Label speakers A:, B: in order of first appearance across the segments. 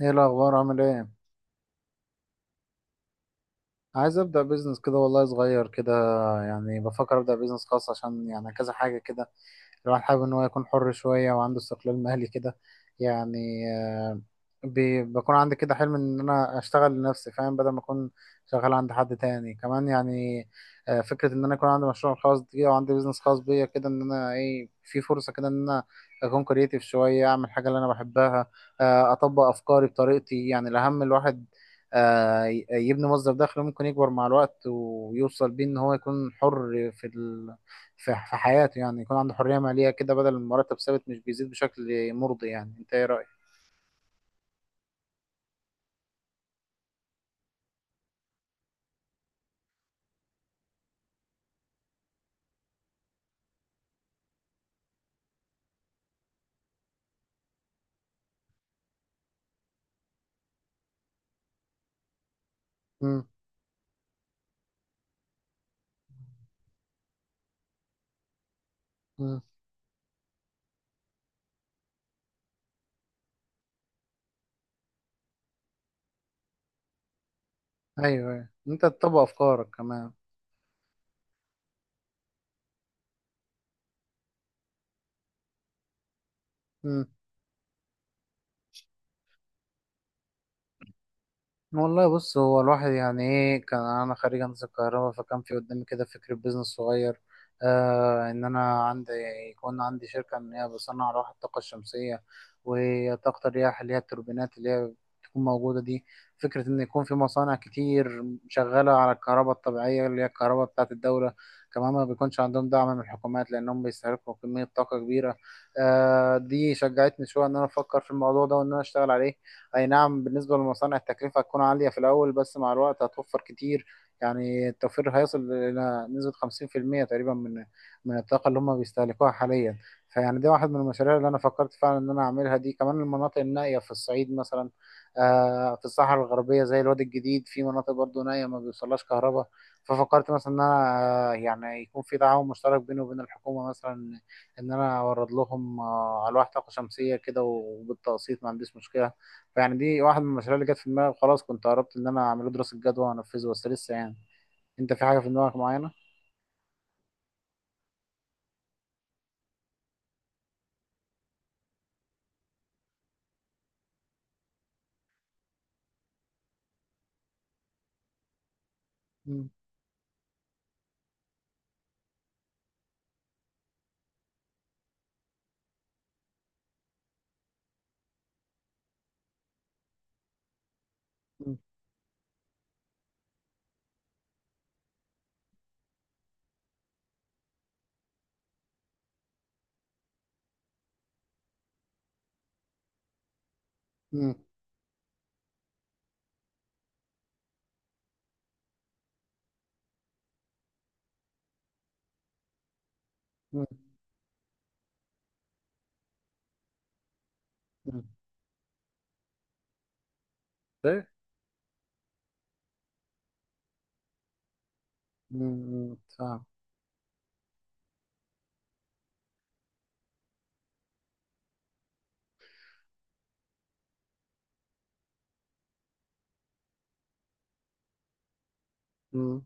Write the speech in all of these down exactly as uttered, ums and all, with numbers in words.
A: ايه الاخبار؟ عامل ايه؟ عايز ابدا بيزنس كده والله، صغير كده. يعني بفكر ابدا بيزنس خاص عشان يعني كذا حاجه كده. الواحد حابب ان هو يكون حر شويه وعنده استقلال مالي كده يعني. آه، بي- بكون عندي كده حلم ان انا اشتغل لنفسي، فاهم؟ بدل ما اكون شغال عند حد تاني كمان يعني. آه، فكره ان انا يكون عندي مشروع خاص بيا وعندي بيزنس خاص بيا كده، ان انا ايه في فرصه كده، ان انا اكون كرييتيف شويه اعمل حاجه اللي انا بحبها. آه، اطبق افكاري بطريقتي، يعني الاهم الواحد آه، ي- يبني مصدر دخل ممكن يكبر مع الوقت ويوصل بيه ان هو يكون حر في ال... في في حياته. يعني يكون عنده حرية مالية كده، بدل المرتب ثابت مش بيزيد بشكل مرضي. يعني انت ايه رأيك؟ مم. مم. ايوه ايوه، انت تطبق افكارك كمان. مم. والله بص، هو الواحد يعني ايه، كان انا خريج هندسه الكهرباء، فكان في قدامي كده فكره بيزنس صغير. آه ان انا عندي، يكون عندي شركه ان هي بصنع لوح الطاقه الشمسيه، وطاقه الرياح اللي هي التوربينات اللي هي بتكون موجوده دي. فكره ان يكون في مصانع كتير شغاله على الكهرباء الطبيعيه، اللي هي الكهرباء بتاعه الدوله، كمان ما بيكونش عندهم دعم من الحكومات، لانهم بيستهلكوا كميه طاقه كبيره. آه دي شجعتني شويه ان انا افكر في الموضوع ده، وان انا اشتغل عليه. اي نعم، بالنسبة للمصانع التكلفة هتكون عالية في الاول، بس مع الوقت هتوفر كتير. يعني التوفير هيصل الى نسبة خمسين في المئة تقريبا من من الطاقة اللي هم بيستهلكوها حاليا. فيعني دي واحد من المشاريع اللي انا فكرت فعلا ان انا اعملها. دي كمان المناطق النائية في الصعيد مثلا، آه، في الصحراء الغربية زي الوادي الجديد، في مناطق برضو نائية ما بيوصلهاش كهرباء. ففكرت مثلا ان انا آه، يعني يكون في تعاون مشترك بيني وبين الحكومة مثلا، ان انا اورد لهم آه، الواح طاقة شمسية كده، وبالتقسيط ما عنديش مشكلة. فيعني دي واحد من المشاريع اللي جت في دماغي، وخلاص كنت قربت ان انا اعمله دراسة جدوى وانفذه، بس لسه يعني. انت في حاجة في دماغك معينة؟ مم. مم. مم. مم. مم. ايه؟ مم. مم. فاهم. مم.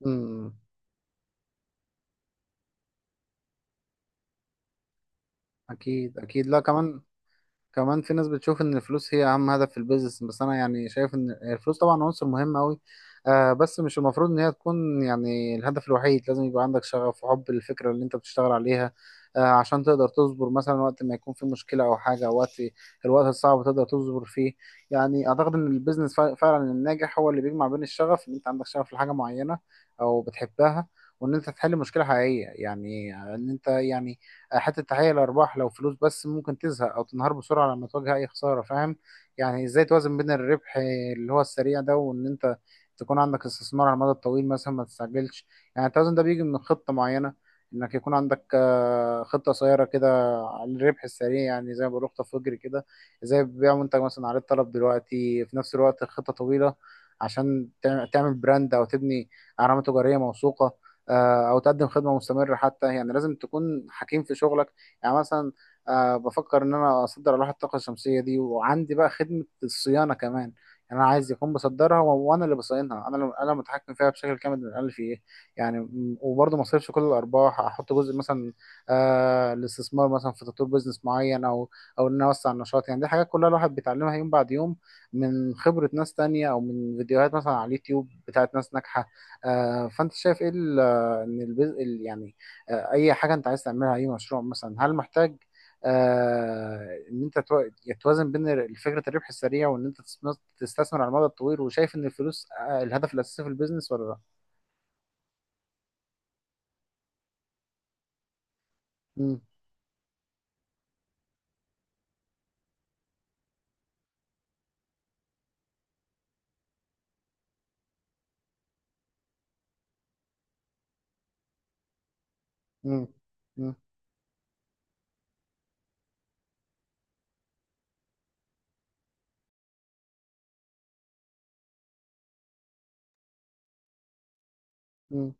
A: مم. اكيد اكيد، لا كمان. كمان في ناس بتشوف ان الفلوس هي اهم هدف في البيزنس، بس انا يعني شايف ان الفلوس طبعا عنصر مهم قوي. آه بس مش المفروض ان هي تكون يعني الهدف الوحيد، لازم يبقى عندك شغف وحب للفكرة اللي انت بتشتغل عليها. آه عشان تقدر تصبر مثلا وقت ما يكون في مشكلة او حاجة، او وقت الوقت الصعب تقدر تصبر فيه. يعني اعتقد ان البيزنس فع- فعلا الناجح هو اللي بيجمع بين الشغف، ان انت عندك شغف لحاجة معينة او بتحبها، وان انت تحل مشكلة حقيقية يعني. آه، ان انت يعني، حتى تحقيق الأرباح لو فلوس بس، ممكن تزهق أو تنهار بسرعة لما تواجه أي خسارة، فاهم؟ يعني إزاي توازن بين الربح اللي هو السريع ده، وإن أنت تكون عندك استثمار على المدى الطويل مثلا؟ ما تستعجلش. يعني التوازن ده بيجي من خطة معينة، إنك يكون عندك آه، خطة قصيرة كده على الربح السريع، يعني زي ما بقول خطة فجر كده، زي بيع منتج مثلا عليه الطلب دلوقتي. في نفس الوقت خطة طويلة، عشان تعمل تعمل براند أو تبني علامة تجارية موثوقة، آه، او تقدم خدمه مستمره حتى. يعني لازم تكون حكيم في شغلك. يعني مثلا آه، بفكر ان انا اصدر الواح الطاقه الشمسيه دي، وعندي بقى خدمه الصيانه كمان. يعني انا عايز يكون بصدرها و- وانا اللي بصينها، انا اللي انا متحكم فيها بشكل كامل من الالف، ايه. يعني م- وبرضه ما اصرفش كل الارباح، احط جزء مثلا آه الاستثمار مثلا في تطوير بزنس معين، او او ان انا اوسع النشاط. يعني دي حاجات كلها الواحد بيتعلمها يوم بعد يوم، من خبره ناس تانية او من فيديوهات مثلا على اليوتيوب بتاعت ناس ناجحه. آه فانت شايف ايه؟ ان البز... ال- يعني آه، اي حاجه انت عايز تعملها، اي مشروع مثلا، هل محتاج آه، ان انت تو- توازن بين فكره الربح السريع، وان انت تستثمر تستثمر على المدى الطويل، وشايف ان الفلوس آه، الهدف الاساسي في البيزنس ولا لا؟ مم. مم. مم. مم.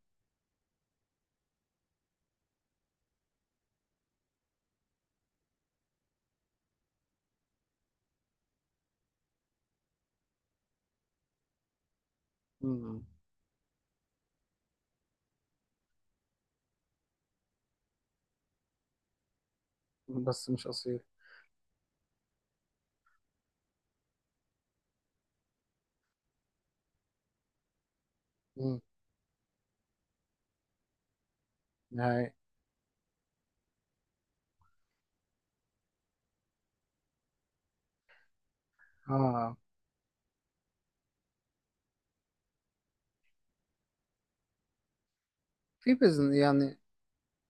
A: مم. بس مش قصير. مم. هاي. اه. في بيزنس يعني.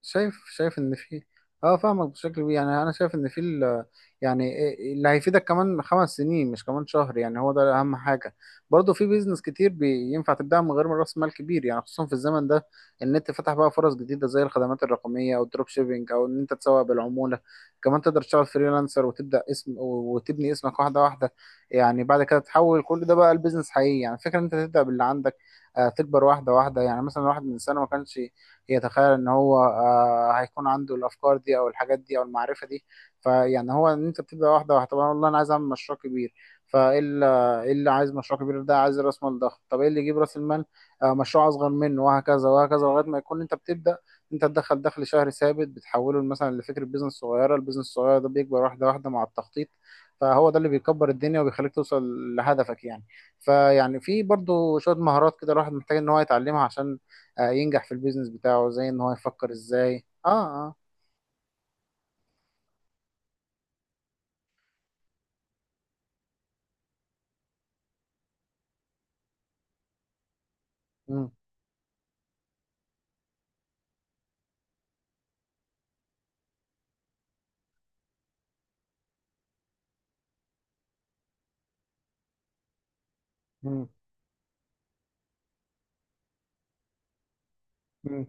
A: شايف شايف ان في. اه. فاهمك بشكل كبير، يعني انا شايف ان في ال... يعني إيه- إيه، اللي هيفيدك كمان خمس سنين مش كمان شهر، يعني هو ده اهم حاجه. برضه في بيزنس كتير بينفع تبدأ من غير راس مال كبير، يعني خصوصا في الزمن ده. النت فتح بقى فرص جديده، زي الخدمات الرقميه او الدروب شيبينج او ان انت تسوق بالعموله. كمان تقدر تشتغل فريلانسر وتبدأ اسم وتبني اسمك واحده واحده. يعني بعد كده تحول كل ده بقى البيزنس حقيقي. يعني فكره ان انت تبدأ باللي عندك، آه، تكبر واحده واحده. يعني مثلا واحد من سنه ما كانش يتخيل ان هو آه، هيكون عنده الافكار دي او الحاجات دي او المعرفه دي. فيعني هو ان انت بتبدا واحده واحده. طب أنا والله انا عايز اعمل مشروع كبير، فايه اللي، إيه اللي عايز مشروع كبير ده؟ عايز راس مال ضخم. طب ايه اللي يجيب راس المال؟ آه، مشروع اصغر منه، وهكذا وهكذا، لغايه ما يكون انت بتبدا، انت تدخل دخل شهري ثابت بتحوله مثلا لفكره بيزنس صغيره. البيزنس الصغير ده بيكبر واحده واحده مع التخطيط. فهو ده اللي بيكبر الدنيا وبيخليك توصل لهدفك يعني. فيعني في برضو شوية مهارات كده الواحد محتاج ان هو يتعلمها، عشان آه، ينجح في البيزنس بتاعه، زي ان هو يفكر ازاي. اه، اه. مم، مم، مم،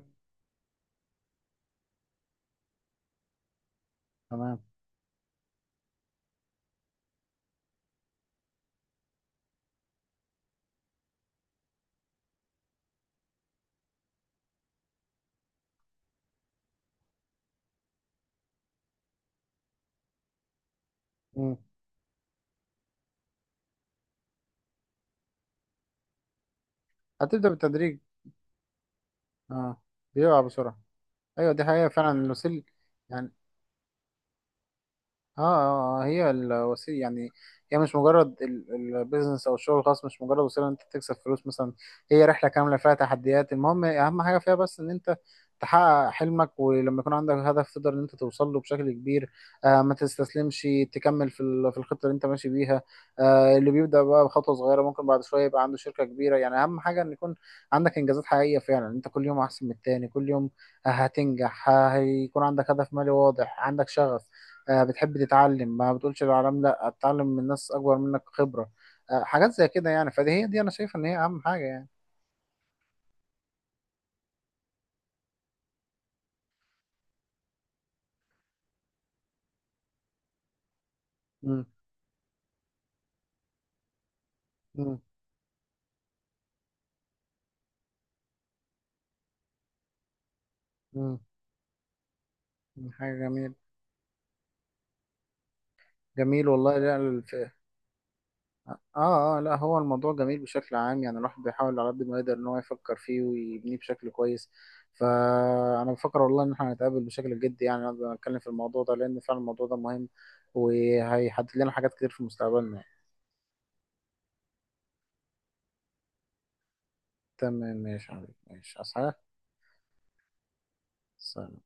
A: تمام. مم. هتبدأ بالتدريج. اه. بيقع بسرعة. ايوه دي حقيقة فعلا الوسيل. يعني اه، اه، آه، هي الوسيله يعني. هي مش مجرد، البيزنس او الشغل الخاص مش مجرد وسيله إن انت تكسب فلوس مثلا. هي رحله كامله فيها تحديات. المهم اهم حاجه فيها بس، ان انت تحقق حلمك، ولما يكون عندك هدف تقدر ان انت توصل له بشكل كبير. آه ما تستسلمش، تكمل في ال- في الخطه اللي انت ماشي بيها. آه اللي بيبدا بقى بخطوه صغيره، ممكن بعد شويه يبقى عنده شركه كبيره. يعني اهم حاجه ان يكون عندك انجازات حقيقيه فعلا، انت كل يوم احسن من التاني. كل يوم هتنجح، هيكون عندك هدف مالي واضح، عندك شغف، آه، بتحب تتعلم، ما بتقولش للعالم. لا، اتعلم من ناس اكبر منك خبرة. آه، حاجات زي كده يعني. فدي هي دي، انا شايف ان هي اهم حاجة يعني. مم. مم. مم. مم. حاجة جميل. جميل والله، لا الف... اه، اه، لا هو الموضوع جميل بشكل عام، يعني الواحد بيحاول على قد ما يقدر ان هو يفكر فيه ويبنيه بشكل كويس. فانا بفكر والله ان احنا هنتقابل بشكل جدي، يعني نقدر نتكلم في الموضوع ده، لان فعلا الموضوع ده مهم وهيحدد لنا حاجات كتير في مستقبلنا يعني. تمام ماشي يا حبيبي، ماشي اصحى. سلام.